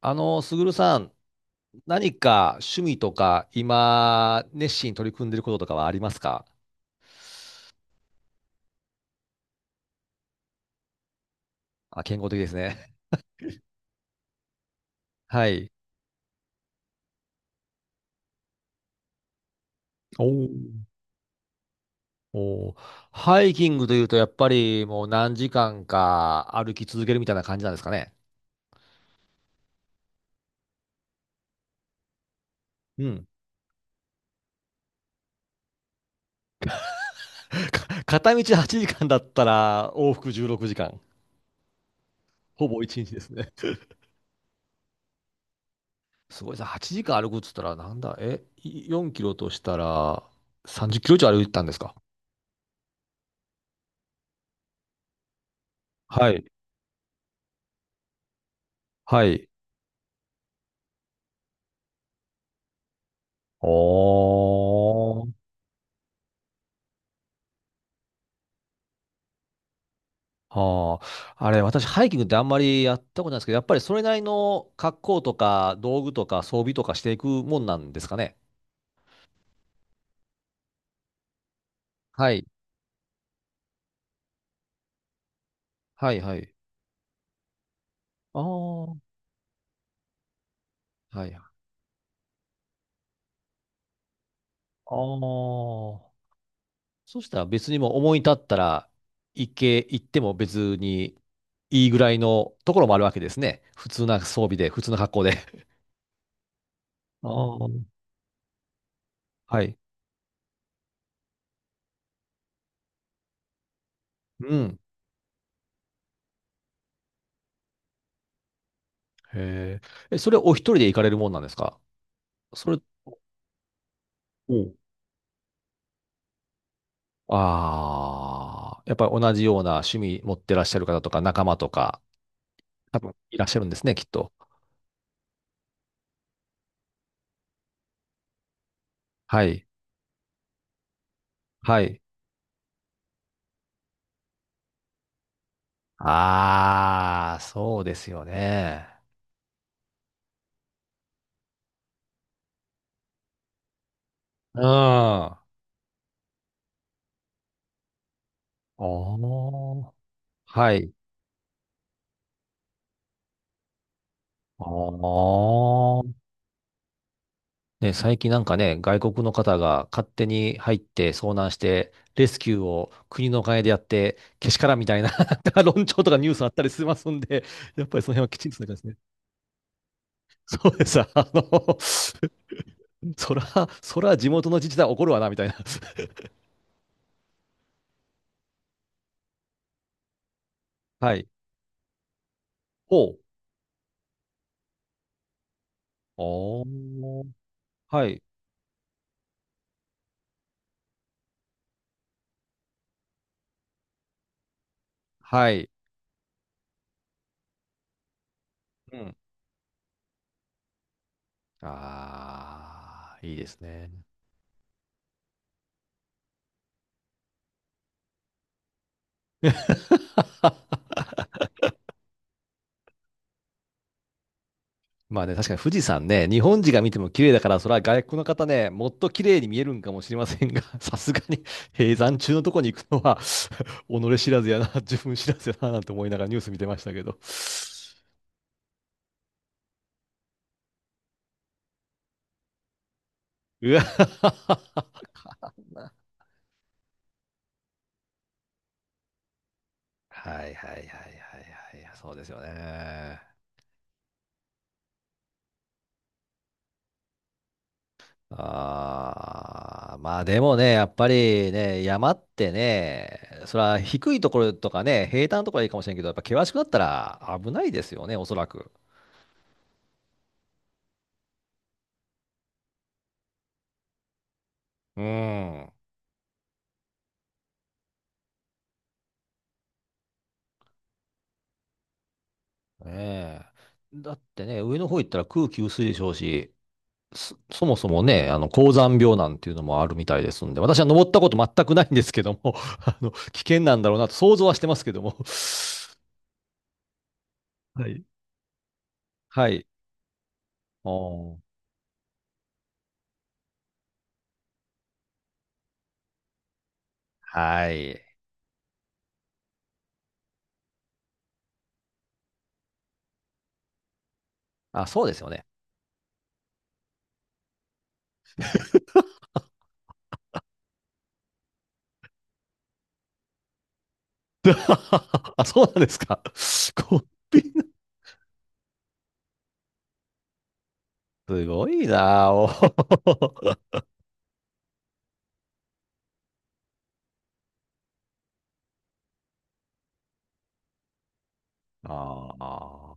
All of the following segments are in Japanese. すぐるさん、何か趣味とか、今、熱心に取り組んでることとかはありますか？あ、健康的ですね。はい。おーおー、ハイキングというと、やっぱりもう何時間か歩き続けるみたいな感じなんですかね。うん。片道8時間だったら、往復16時間。ほぼ1日ですね。すごいさ、8時間歩くっつったら、なんだ、4キロとしたら、30キロ以上歩いたんですか？はい。はい。おーはあ、あれ、私、ハイキングってあんまりやったことないですけど、やっぱりそれなりの格好とか、道具とか、装備とかしていくもんなんですかね。はい。はい、はい。ああ、はい。ああ。そしたら別にもう思い立ったら、行っても別にいいぐらいのところもあるわけですね。普通な装備で、普通な格好で。ああ。はい。うん。へえ。え、それお一人で行かれるもんなんですか？それ、おああ、やっぱり同じような趣味持ってらっしゃる方とか仲間とか、多分いらっしゃるんですね、きっと。はい。はい。ああ、そうですよね。うん。ああ、はい。ああ。ね、最近なんかね、外国の方が勝手に入って遭難して、レスキューを国のお金でやって、けしからんみたいな 論調とかニュースあったりしますんで、やっぱりその辺はきちんとするんですね。そうです。のそら、そら地元の自治体怒るわな、みたいな。はい。ほう。おー。はい。はい。うん。ああ、いいですね。まあね、確かに富士山ね、日本人が見ても綺麗だから、それは外国の方ね、もっと綺麗に見えるんかもしれませんが、さすがに閉山中のとこに行くのは 己知らずやな、自分知らずやな、なんて思いながらニュース見てましたけど。うわはいはいはいはいはい、そうですよね。ああ、まあでもね、やっぱりね、山ってね、それは低いところとかね、平坦なところはいいかもしれんけど、やっぱ険しくなったら危ないですよね、おそらく。うん。ねえ。だってね、上の方行ったら空気薄いでしょうし、そもそもね、高山病なんていうのもあるみたいですんで、私は登ったこと全くないんですけども、危険なんだろうなと想像はしてますけども。はい。はい。おーはい。あ、そうですよね。あ、そうなんですか。コピーな、すごいなあおー ああ、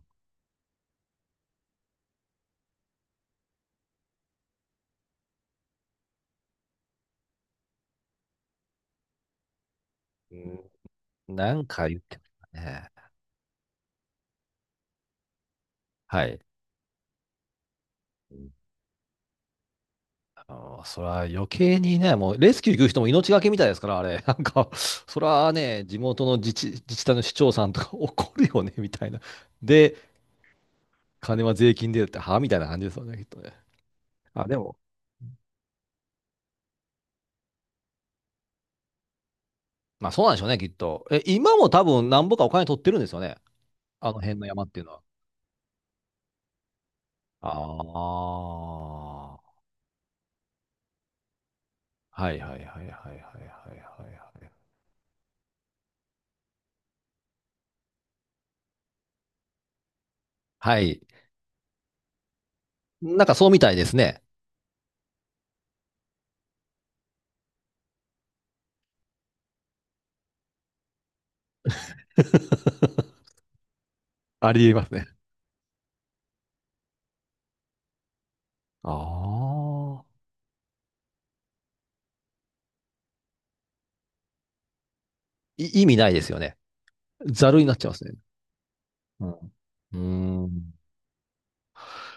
うんなんか言ってましたね。はい。それは余計にね、もうレスキュー行く人も命がけみたいですから、あれ。なんか、それはね、地元の自治、自治体の市長さんとか 怒るよね、みたいな。で、金は税金でって、はみたいな感じですよね、きっとね。あ、でも、まあそうなんでしょうね、きっと。え、今も多分、なんぼかお金取ってるんですよね。あの辺の山っていうのは。ああ。はいはいはいはいはいはいはいはい。はい。なんかそうみたいですね。ありえますね。ああ。意味ないですよね。ざるになっちゃいますね。うん。うん。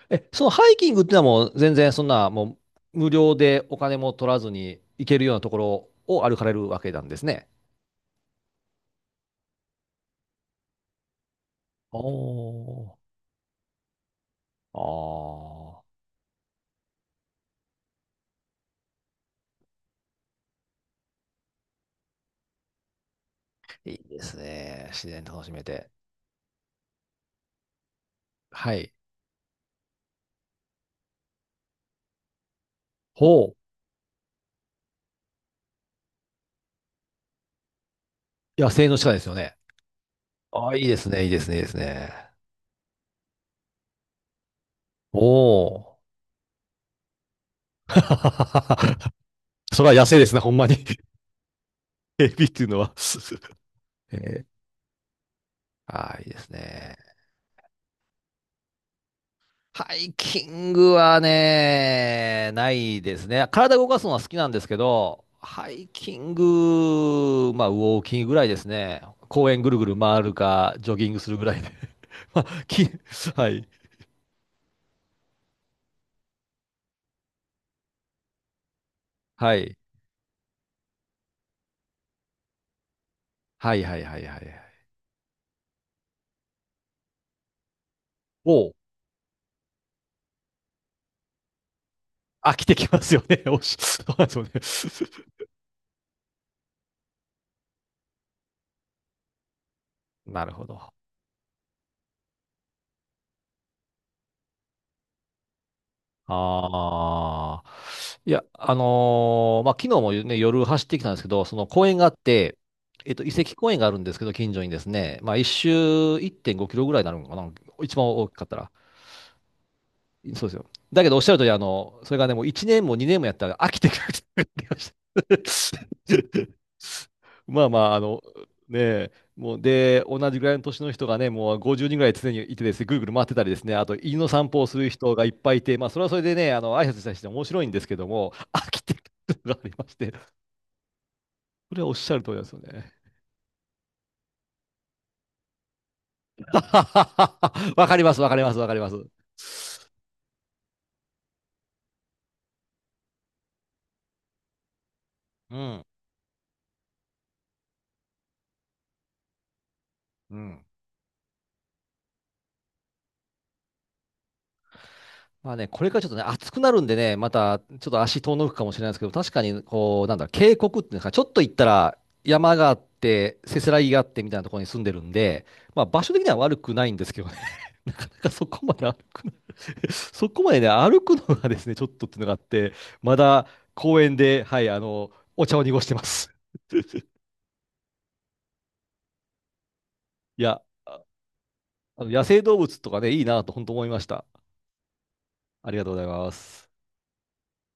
え、そのハイキングってのはもう全然そんなもう無料でお金も取らずに行けるようなところを歩かれるわけなんですね。おー。ああ。いいですね。自然楽しめて。はい。ほう。野生の鹿ですよね。あ、いいですね、いいですね、いいですね。おー。それは野生ですね、ほんまに。エビっていうのは。えーいいですね。ハイキングはね、ないですね。体動かすのは好きなんですけど、ハイキング、まあ、ウォーキングぐらいですね。公園ぐるぐる回るか、ジョギングするぐらいで。まあ、はい。はい。はいはいはいはいはい。おう、飽きてきますよね。おっしそうなんですよね。なるほど。ああ。いや、まあ、昨日もね、夜走ってきたんですけど、その公園があって、遺跡公園があるんですけど、近所にですね、まあ、一周1.5キロぐらいになるのかな、一番大きかったら。そうですよ。だけどおっしゃる通り、それがね、もう1年も2年もやったら飽きてくるって言ってました まあまあ、ねえ、もうで、同じぐらいの年の人がね、もう50人ぐらい常にいてですね、ぐるぐる回ってたりですね、あと犬の散歩をする人がいっぱいいて、まあ、それはそれでね、挨拶したりして面白いんですけども、飽きてくるのがありまして、それはおっしゃる通りなんですよね。わかります、わかります、わかります。うん、うん。まあね、これからちょっとね、暑くなるんでね、またちょっと足遠のくかもしれないですけど、確かに、こう、なんだ渓谷っていうんですか、ちょっと行ったら山があって、せせらぎがあってみたいなところに住んでるんで、まあ場所的には悪くないんですけどね、なかなかそこまで歩くの、そこまでね、歩くのがですね、ちょっとっていうのがあって、まだ公園で、はい、お茶を濁してます。いや、ああの野生動物とかね、いいなと本当思いました。ありがとうございます。